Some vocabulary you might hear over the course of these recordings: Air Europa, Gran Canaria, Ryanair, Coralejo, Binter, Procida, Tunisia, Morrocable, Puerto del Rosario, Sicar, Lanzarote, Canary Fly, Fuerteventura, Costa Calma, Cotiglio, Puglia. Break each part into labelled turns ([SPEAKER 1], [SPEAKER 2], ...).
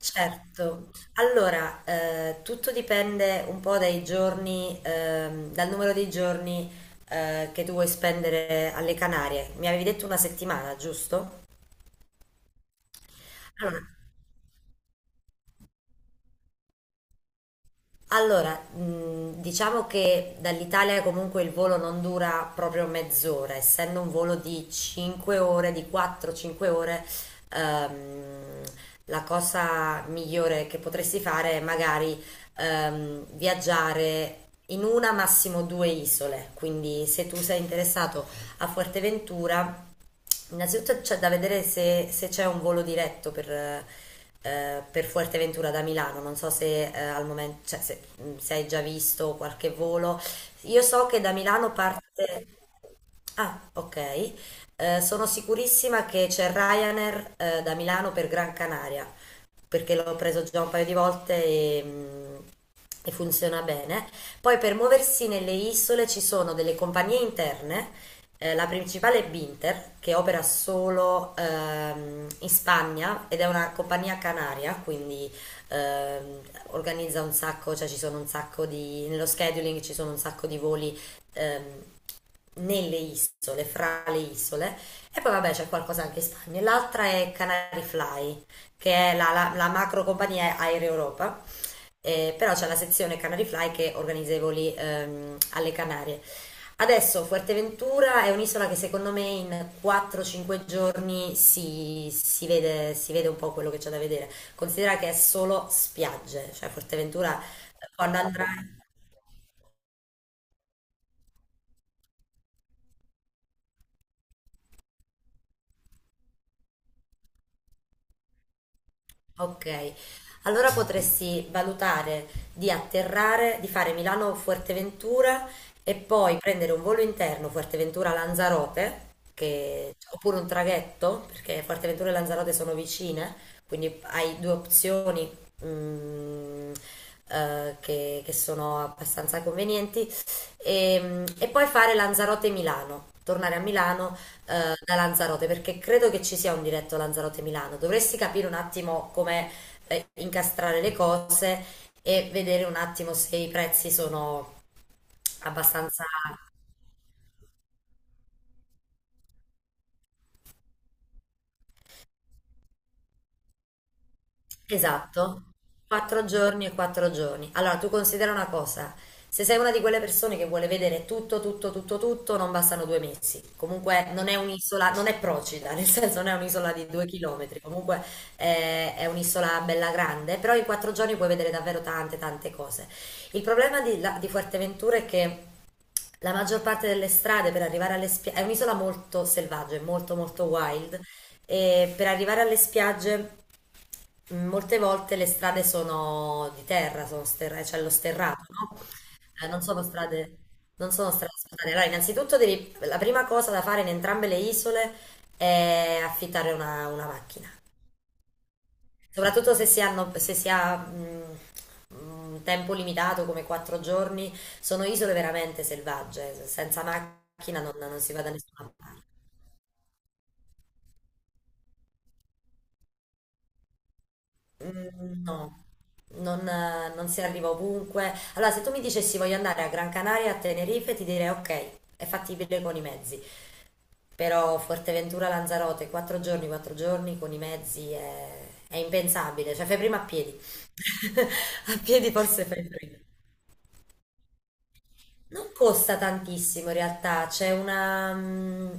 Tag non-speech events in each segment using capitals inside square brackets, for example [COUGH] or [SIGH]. [SPEAKER 1] Certo, allora tutto dipende un po' dai giorni, dal numero di giorni che tu vuoi spendere alle Canarie. Mi avevi detto una settimana, giusto? Allora, Allora, diciamo che dall'Italia comunque il volo non dura proprio mezz'ora, essendo un volo di 5 ore, di 4-5 ore, ehm, la cosa migliore che potresti fare è magari viaggiare in una, massimo due isole. Quindi se tu sei interessato a Fuerteventura, innanzitutto c'è da vedere se c'è un volo diretto per Fuerteventura da Milano, non so se al momento, cioè, se hai già visto qualche volo. Io so che da Milano parte. Ah, ok. Sono sicurissima che c'è Ryanair da Milano per Gran Canaria, perché l'ho preso già un paio di volte e funziona bene. Poi per muoversi nelle isole ci sono delle compagnie interne, la principale è Binter, che opera solo in Spagna ed è una compagnia canaria, quindi ehm, organizza un sacco, cioè ci sono un sacco di, nello scheduling ci sono un sacco di voli ehm, nelle isole, fra le isole, e poi vabbè c'è qualcosa anche in Spagna. L'altra è Canary Fly, che è la macro compagnia Air Europa. Però c'è la sezione Canary Fly che organizza i voli alle Canarie. Adesso Fuerteventura è un'isola che secondo me in 4-5 giorni si vede un po' quello che c'è da vedere. Considera che è solo spiagge, cioè Fuerteventura, quando andrai. Ok, allora potresti valutare di atterrare, di fare Milano-Fuerteventura e poi prendere un volo interno Fuerteventura-Lanzarote, oppure un traghetto, perché Fuerteventura e Lanzarote sono vicine, quindi hai due opzioni, mm, che sono abbastanza convenienti, e poi fare Lanzarote-Milano, tornare a Milano, da Lanzarote, perché credo che ci sia un diretto Lanzarote-Milano. Dovresti capire un attimo come incastrare le cose e vedere un attimo se i prezzi sono abbastanza. Esatto, 4 giorni e 4 giorni. Allora, tu considera una cosa, se sei una di quelle persone che vuole vedere tutto, tutto, tutto, tutto, non bastano 2 mesi. Comunque non è un'isola, non è Procida, [LAUGHS] nel senso non è un'isola di 2 chilometri, comunque, è un'isola bella grande, però in 4 giorni puoi vedere davvero tante, tante cose. Il problema di Fuerteventura è che la maggior parte delle strade per arrivare alle spiagge è un'isola molto selvaggia, è molto molto wild, e per arrivare alle spiagge molte volte le strade sono di terra, c'è lo sterrato, no? Eh, non sono strade, non sono strade asfaltate. Allora, innanzitutto la prima cosa da fare in entrambe le isole è affittare una macchina. Soprattutto se si hanno, se si ha, un tempo limitato come 4 giorni, sono isole veramente selvagge, senza macchina non si va da nessuna parte. Mm, no, non si arriva ovunque. Allora, se tu mi dicessi voglio andare a Gran Canaria, a Tenerife, ti direi ok, è fattibile con i mezzi. Però Fuerteventura, Lanzarote, 4 giorni, 4 giorni con i mezzi è impensabile, cioè fai prima a piedi. [LAUGHS] A piedi forse fai prima. Non costa tantissimo in realtà, c'è una, mm,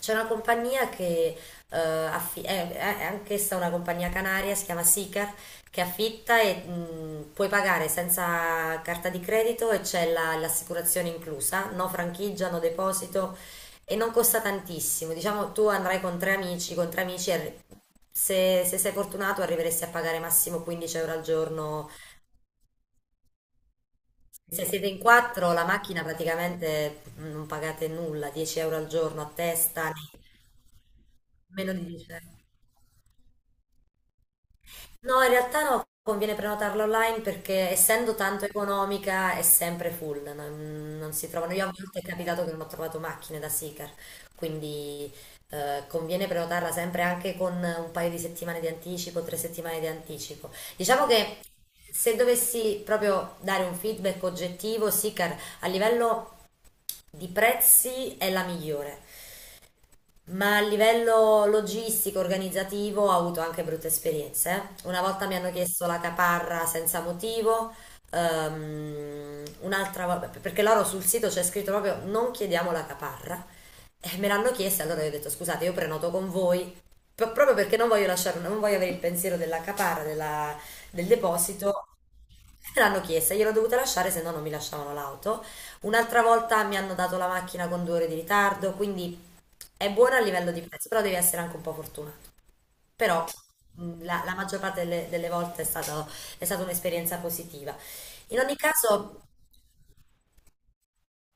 [SPEAKER 1] c'è una compagnia che eh, affi- è, è anch'essa una compagnia canaria, si chiama Sicar, che affitta e puoi pagare senza carta di credito e c'è l'assicurazione inclusa, no franchigia, no deposito, e non costa tantissimo. Diciamo tu andrai con tre amici, se sei fortunato arriveresti a pagare massimo 15 euro al giorno se siete in quattro, la macchina praticamente, non pagate nulla, 10 euro al giorno a testa, meno di 10 euro. No, in realtà no, conviene prenotarla online perché essendo tanto economica è sempre full, no, non si trovano. Io a volte è capitato che non ho trovato macchine da Sicar, quindi conviene prenotarla sempre anche con un paio di settimane di anticipo, 3 settimane di anticipo. Diciamo che se dovessi proprio dare un feedback oggettivo, Sicar a livello di prezzi è la migliore. Ma a livello logistico, organizzativo, ho avuto anche brutte esperienze. Una volta mi hanno chiesto la caparra senza motivo, un'altra volta, perché loro sul sito c'è scritto proprio non chiediamo la caparra. E me l'hanno chiesta, allora io ho detto scusate, io prenoto con voi, proprio perché non voglio lasciare, non voglio avere il pensiero della caparra, del deposito. Me l'hanno chiesta, gliel'ho dovuta lasciare, se no non mi lasciavano l'auto. Un'altra volta mi hanno dato la macchina con 2 ore di ritardo, quindi è buona a livello di prezzo, però devi essere anche un po' fortunato. Però la maggior parte delle volte è stata un'esperienza positiva. In ogni caso,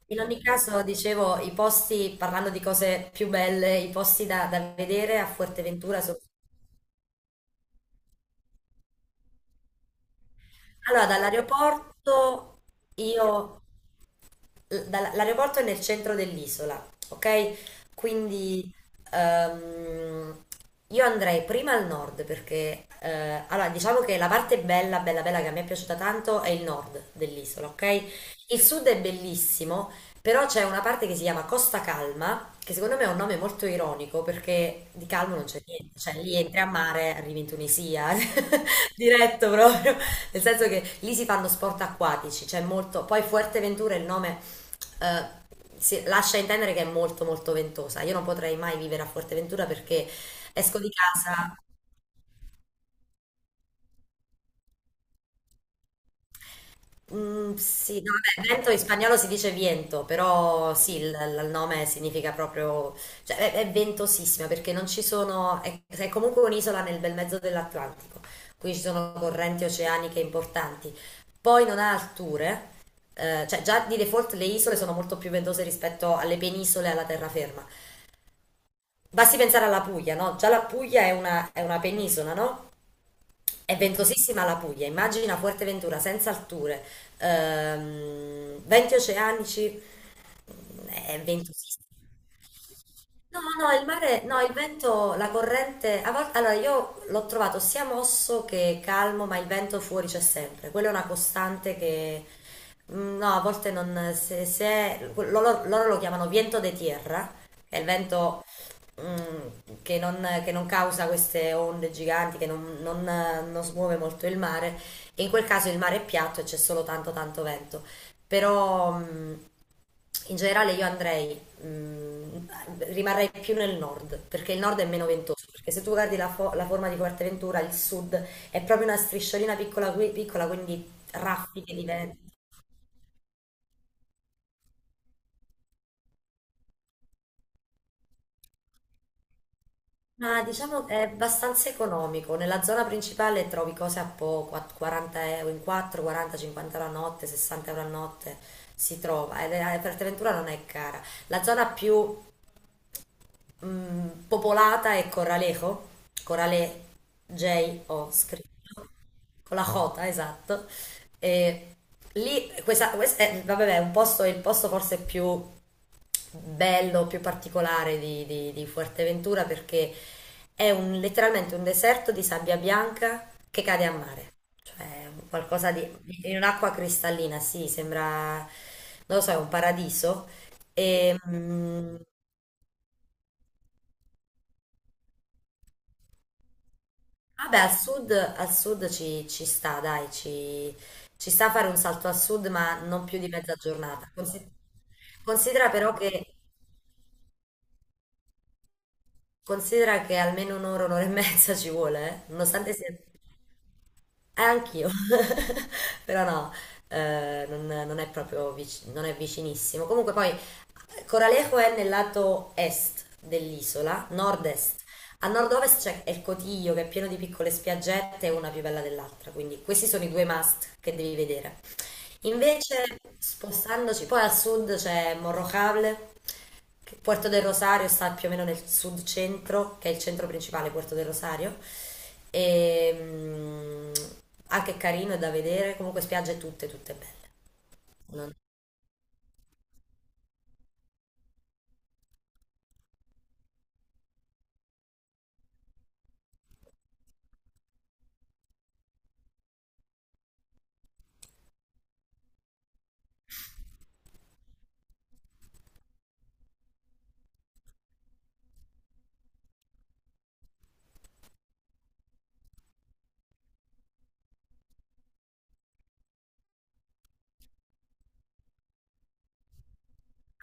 [SPEAKER 1] in ogni caso, dicevo, i posti, parlando di cose più belle, i posti da vedere a Fuerteventura. Allora, dall'aeroporto, io l'aeroporto è nel centro dell'isola, ok? Quindi ehm, io andrei prima al nord perché, allora, diciamo che la parte bella, bella, bella che a me è piaciuta tanto è il nord dell'isola, ok? Il sud è bellissimo, però c'è una parte che si chiama Costa Calma, che secondo me è un nome molto ironico perché di calmo non c'è niente, cioè lì entri a mare, arrivi in Tunisia. [LAUGHS] Diretto proprio, nel senso che lì si fanno sport acquatici, c'è molto, poi Fuerteventura è il nome, eh, lascia intendere che è molto molto ventosa. Io non potrei mai vivere a Fuerteventura perché esco di casa. Mm, sì, no, vabbè, vento in spagnolo si dice viento, però sì, il nome significa proprio, cioè è ventosissima perché non ci sono, è comunque un'isola nel bel mezzo dell'Atlantico, quindi ci sono correnti oceaniche importanti. Poi non ha alture, cioè già di default le isole sono molto più ventose rispetto alle penisole e alla terraferma. Basti pensare alla Puglia, no? Già la Puglia è una penisola, no? È ventosissima la Puglia, immagina Fuerteventura senza alture, venti oceanici, è ventosissima. No, no, il mare, no, il vento, la corrente, a volte, allora io l'ho trovato sia mosso che calmo, ma il vento fuori c'è sempre, quella è una costante che, no, a volte non, loro lo chiamano viento de tierra, è il vento, che non causa queste onde giganti, che non smuove molto il mare, e in quel caso il mare è piatto e c'è solo tanto tanto vento, però. In generale io andrei, mh, rimarrei più nel nord, perché il nord è meno ventoso, perché se tu guardi la forma di Fuerteventura, il sud è proprio una strisciolina piccola, piccola quindi raffiche di vento. Ma diciamo è abbastanza economico, nella zona principale trovi cose a poco, a 40 euro in 4, 40, 50 euro a notte, 60 euro a notte si trova, e Fuerteventura non è cara. La zona più popolata è Coralejo, Corale J ho scritto. Con la Jota, esatto. E lì, questa è, vabbè, è un posto, è il posto forse più bello, più particolare di Fuerteventura perché è letteralmente un deserto di sabbia bianca che cade a mare, cioè un qualcosa di, in un'acqua cristallina, sì, sembra, non lo so, è un paradiso. E, mm, Vabbè, al sud ci sta, dai, ci sta fare un salto al sud, ma non più di mezza giornata. Considera, però che, considera che almeno un'ora, un'ora e mezza ci vuole, eh? Nonostante sia. Anch'io, [LAUGHS] però no, non è vicinissimo. Comunque poi Coralejo è nel lato est dell'isola, nord-est. A nord-ovest c'è il Cotiglio che è pieno di piccole spiaggette, una più bella dell'altra, quindi questi sono i due must che devi vedere. Invece, spostandoci poi al sud c'è Morrocable, Puerto del Rosario sta più o meno nel sud centro, che è il centro principale, Puerto del Rosario. E, mm, anche carino, è da vedere, comunque spiagge tutte, tutte belle. Non-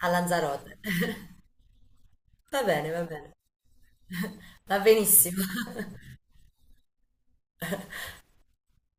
[SPEAKER 1] A Lanzarote. [LAUGHS] Va bene, va bene. Va benissimo.